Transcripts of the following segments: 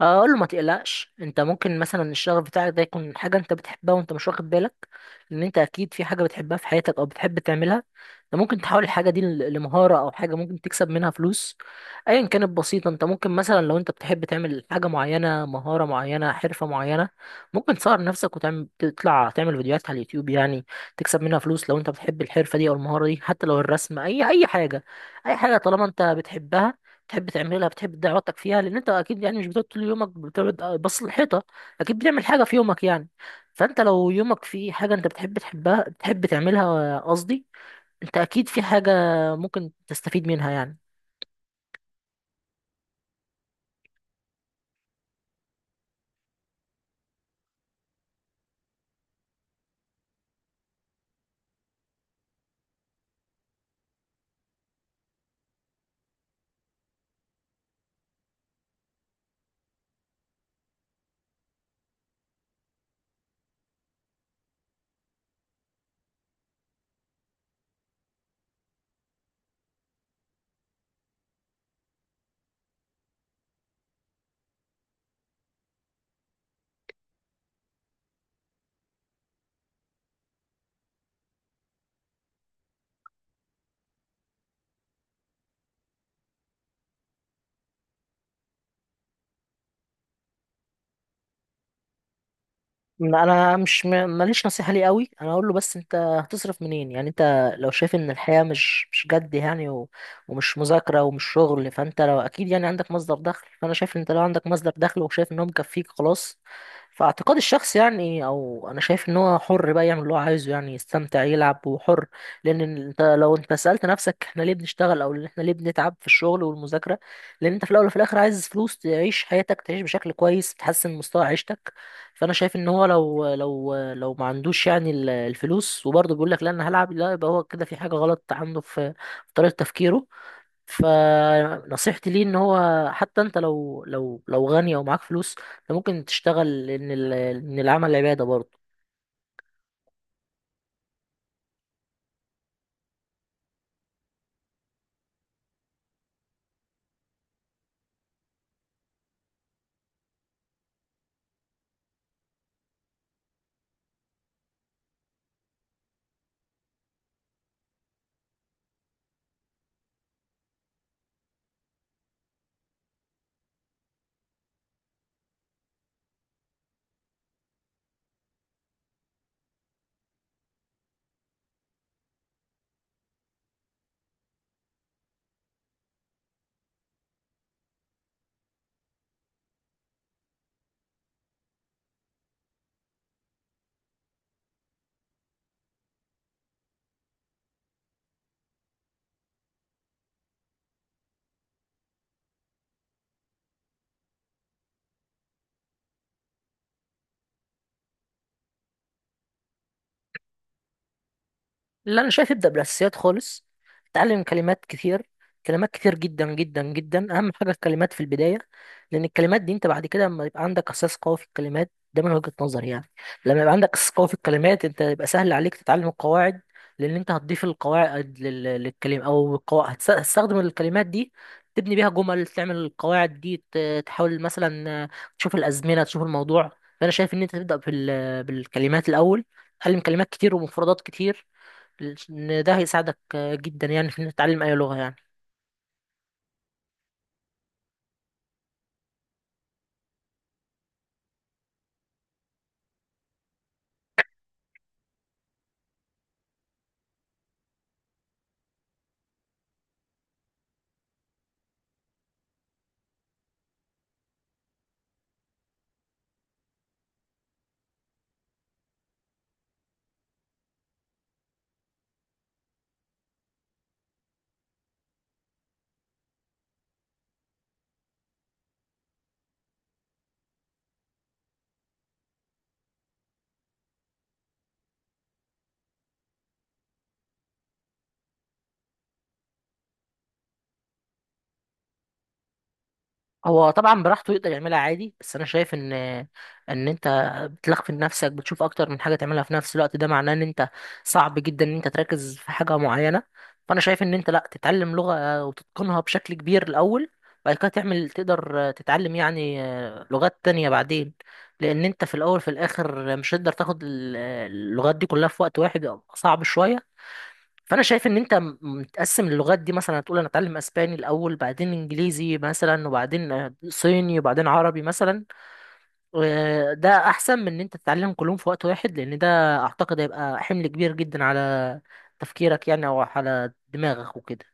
اقول له ما تقلقش، انت ممكن مثلا الشغف بتاعك ده يكون حاجه انت بتحبها وانت مش واخد بالك. ان انت اكيد في حاجه بتحبها في حياتك او بتحب تعملها. انت ممكن تحول الحاجه دي لمهاره او حاجه ممكن تكسب منها فلوس ايا كانت بسيطه. انت ممكن مثلا لو انت بتحب تعمل حاجه معينه، مهاره معينه، حرفه معينه، ممكن تصور نفسك وتعمل تطلع تعمل فيديوهات على اليوتيوب يعني، تكسب منها فلوس لو انت بتحب الحرفه دي او المهاره دي، حتى لو الرسم، اي حاجه. اي حاجه طالما انت بتحبها، بتحب تعملها، بتحب تضيع وقتك فيها. لان انت اكيد يعني مش بتقعد طول يومك بتقعد بص الحيطه، اكيد بتعمل حاجه في يومك يعني. فانت لو يومك في حاجه انت بتحب تحبها بتحب تعملها، قصدي انت اكيد في حاجه ممكن تستفيد منها يعني. ما انا مش م- ماليش نصيحه ليه قوي، انا اقول له بس انت هتصرف منين؟ يعني انت لو شايف ان الحياه مش جد يعني، ومش مذاكره ومش شغل، فانت لو اكيد يعني عندك مصدر دخل، فانا شايف ان انت لو عندك مصدر دخل وشايف ان هو مكفيك خلاص، فاعتقاد الشخص يعني او انا شايف ان هو حر بقى يعمل اللي هو عايزه يعني، يستمتع يلعب وحر. لان انت لو انت سالت نفسك احنا ليه بنشتغل او احنا ليه بنتعب في الشغل والمذاكره، لان انت في الاول وفي الاخر عايز فلوس تعيش حياتك، تعيش بشكل كويس، تحسن مستوى عيشتك. فانا شايف ان هو لو لو ما عندوش يعني الفلوس وبرضه بيقول لك لا انا هلعب، لا، يبقى هو كده في حاجه غلط عنده في في طريقه تفكيره. فنصيحتي ليه ان هو حتى انت لو لو غني او معاك فلوس، انت ممكن تشتغل، لان ان العمل عباده برضه. لا انا شايف ابدا بالاساسيات خالص. اتعلم كلمات كتير، كلمات كتير جدا جدا جدا، اهم حاجه الكلمات في البدايه. لان الكلمات دي انت بعد كده لما يبقى عندك اساس قوي في الكلمات، ده من وجهه نظري يعني، لما يبقى عندك اساس قوي في الكلمات انت يبقى سهل عليك تتعلم القواعد، لان انت هتضيف القواعد للكلمه، او القواعد هتستخدم الكلمات دي تبني بيها جمل، تعمل القواعد دي، تحاول مثلا تشوف الازمنه، تشوف الموضوع. فانا شايف ان انت تبدا بالكلمات الاول. تعلم كلمات كتير ومفردات كتير، ان ده هيساعدك جدا يعني في انك تتعلم اي لغه يعني. هو طبعا براحته يقدر يعملها عادي، بس انا شايف ان ان انت بتلخفن نفسك، بتشوف اكتر من حاجه تعملها في نفس الوقت، ده معناه ان انت صعب جدا ان انت تركز في حاجه معينه. فانا شايف ان انت لا، تتعلم لغه وتتقنها بشكل كبير الاول، بعد كده تعمل تقدر تتعلم يعني لغات تانية بعدين. لان انت في الاول في الاخر مش هتقدر تاخد اللغات دي كلها في وقت واحد، صعب شويه. فانا شايف ان انت متقسم اللغات دي، مثلا هتقول انا اتعلم اسباني الاول، بعدين انجليزي مثلا، وبعدين صيني، وبعدين عربي مثلا. ده احسن من ان انت تتعلم كلهم في وقت واحد، لان ده اعتقد هيبقى حمل كبير جدا على تفكيرك يعني او على دماغك وكده.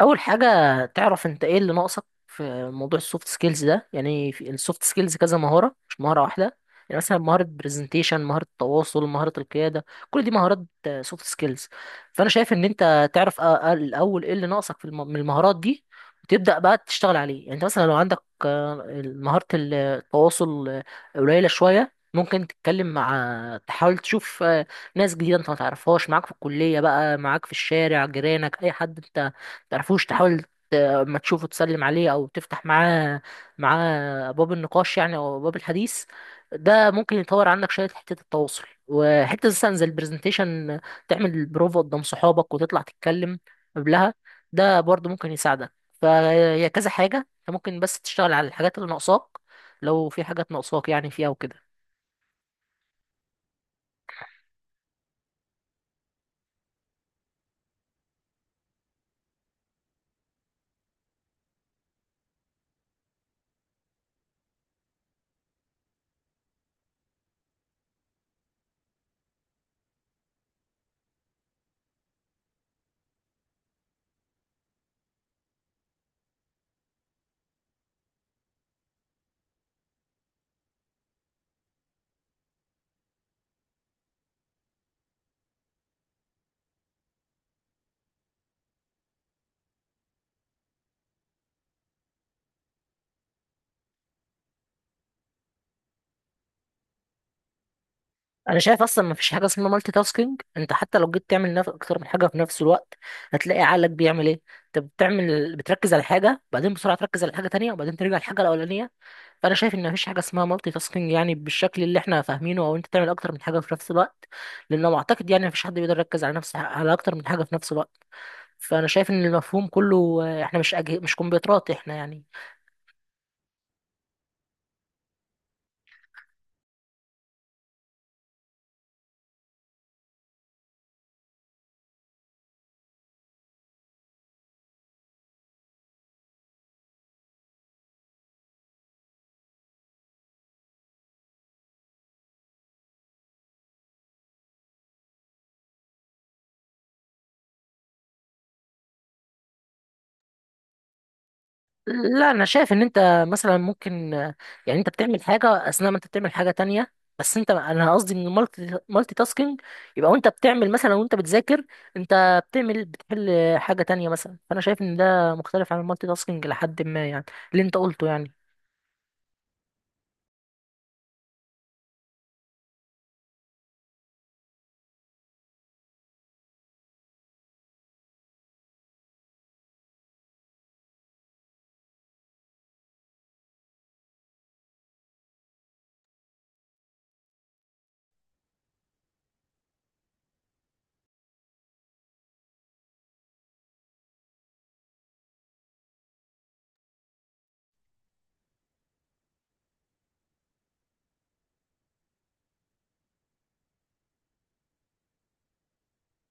اول حاجه تعرف انت ايه اللي ناقصك في موضوع السوفت سكيلز ده. يعني في السوفت سكيلز كذا مهاره، مش مهاره واحده. يعني مثلا مهاره برزنتيشن، مهاره التواصل، مهاره القياده، كل دي مهارات سوفت سكيلز. فانا شايف ان انت تعرف الاول ايه اللي ناقصك في من المهارات دي، وتبدا بقى تشتغل عليه. يعني انت مثلا لو عندك مهاره التواصل قليله شويه، ممكن تتكلم مع، تحاول تشوف ناس جديده انت ما تعرفهاش، معاك في الكليه بقى، معاك في الشارع، جيرانك، اي حد انت تعرفوش تحاول اما تشوفه تسلم عليه او تفتح معاه باب النقاش يعني او باب الحديث. ده ممكن يطور عندك شويه حته التواصل. وحته مثلا زي البرزنتيشن، تعمل بروفا قدام صحابك وتطلع تتكلم قبلها، ده برضه ممكن يساعدك. فهي كذا حاجه انت ممكن بس تشتغل على الحاجات اللي ناقصاك، لو في حاجات ناقصاك يعني فيها وكده. انا شايف اصلا ما فيش حاجه اسمها مالتي تاسكينج. انت حتى لو جيت تعمل اكتر من حاجه في نفس الوقت هتلاقي عقلك بيعمل ايه؟ انت بتعمل، بتركز على حاجه بعدين بسرعه تركز على حاجه تانية وبعدين ترجع للحاجه الاولانيه. فانا شايف ان ما فيش حاجه اسمها مالتي تاسكينج يعني بالشكل اللي احنا فاهمينه، او انت تعمل اكتر من حاجه في نفس الوقت. لانه اعتقد يعني ما فيش حد بيقدر يركز على نفس على اكتر من حاجه في نفس الوقت. فانا شايف ان المفهوم كله، احنا مش كمبيوترات احنا يعني. لا انا شايف ان انت مثلا ممكن يعني انت بتعمل حاجه اثناء ما انت بتعمل حاجه تانية، بس انت انا قصدي ان المالتي تاسكينج يبقى وانت بتعمل مثلا، وانت بتذاكر انت بتعمل، بتحل حاجه تانية مثلا. فانا شايف ان ده مختلف عن المالتي تاسكينج لحد ما يعني اللي انت قلته يعني.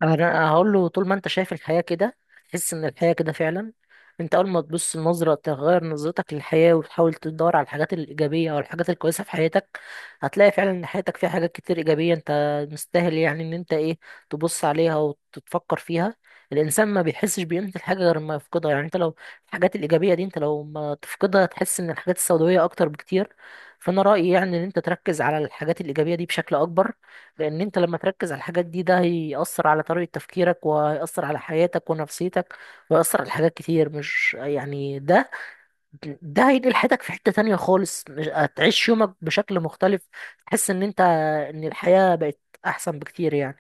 انا هقول له طول ما انت شايف الحياة كده، تحس ان الحياة كده فعلا. انت اول ما تبص، النظرة، تغير نظرتك للحياة وتحاول تدور على الحاجات الإيجابية او الحاجات الكويسة في حياتك، هتلاقي فعلا ان حياتك فيها حاجات كتير إيجابية، انت مستاهل يعني ان انت ايه، تبص عليها وتتفكر فيها. الانسان ما بيحسش بقيمة الحاجة غير ما يفقدها. يعني انت لو الحاجات الإيجابية دي انت لو ما تفقدها، تحس ان الحاجات السوداوية اكتر بكتير. فانا رأيي يعني ان انت تركز على الحاجات الإيجابية دي بشكل اكبر. لان انت لما تركز على الحاجات دي، ده هيأثر على طريقة تفكيرك، وهيأثر على حياتك ونفسيتك، وهيأثر على حاجات كتير. مش يعني ده، ده هينقل حياتك في حتة تانية خالص. مش هتعيش يومك بشكل مختلف، تحس ان انت ان الحياة بقت احسن بكتير يعني.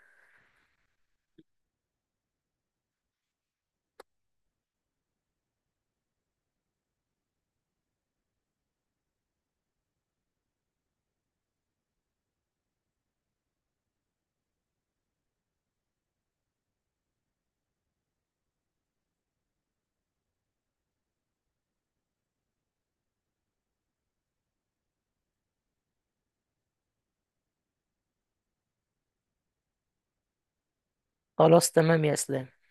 خلاص، تمام يا اسلام.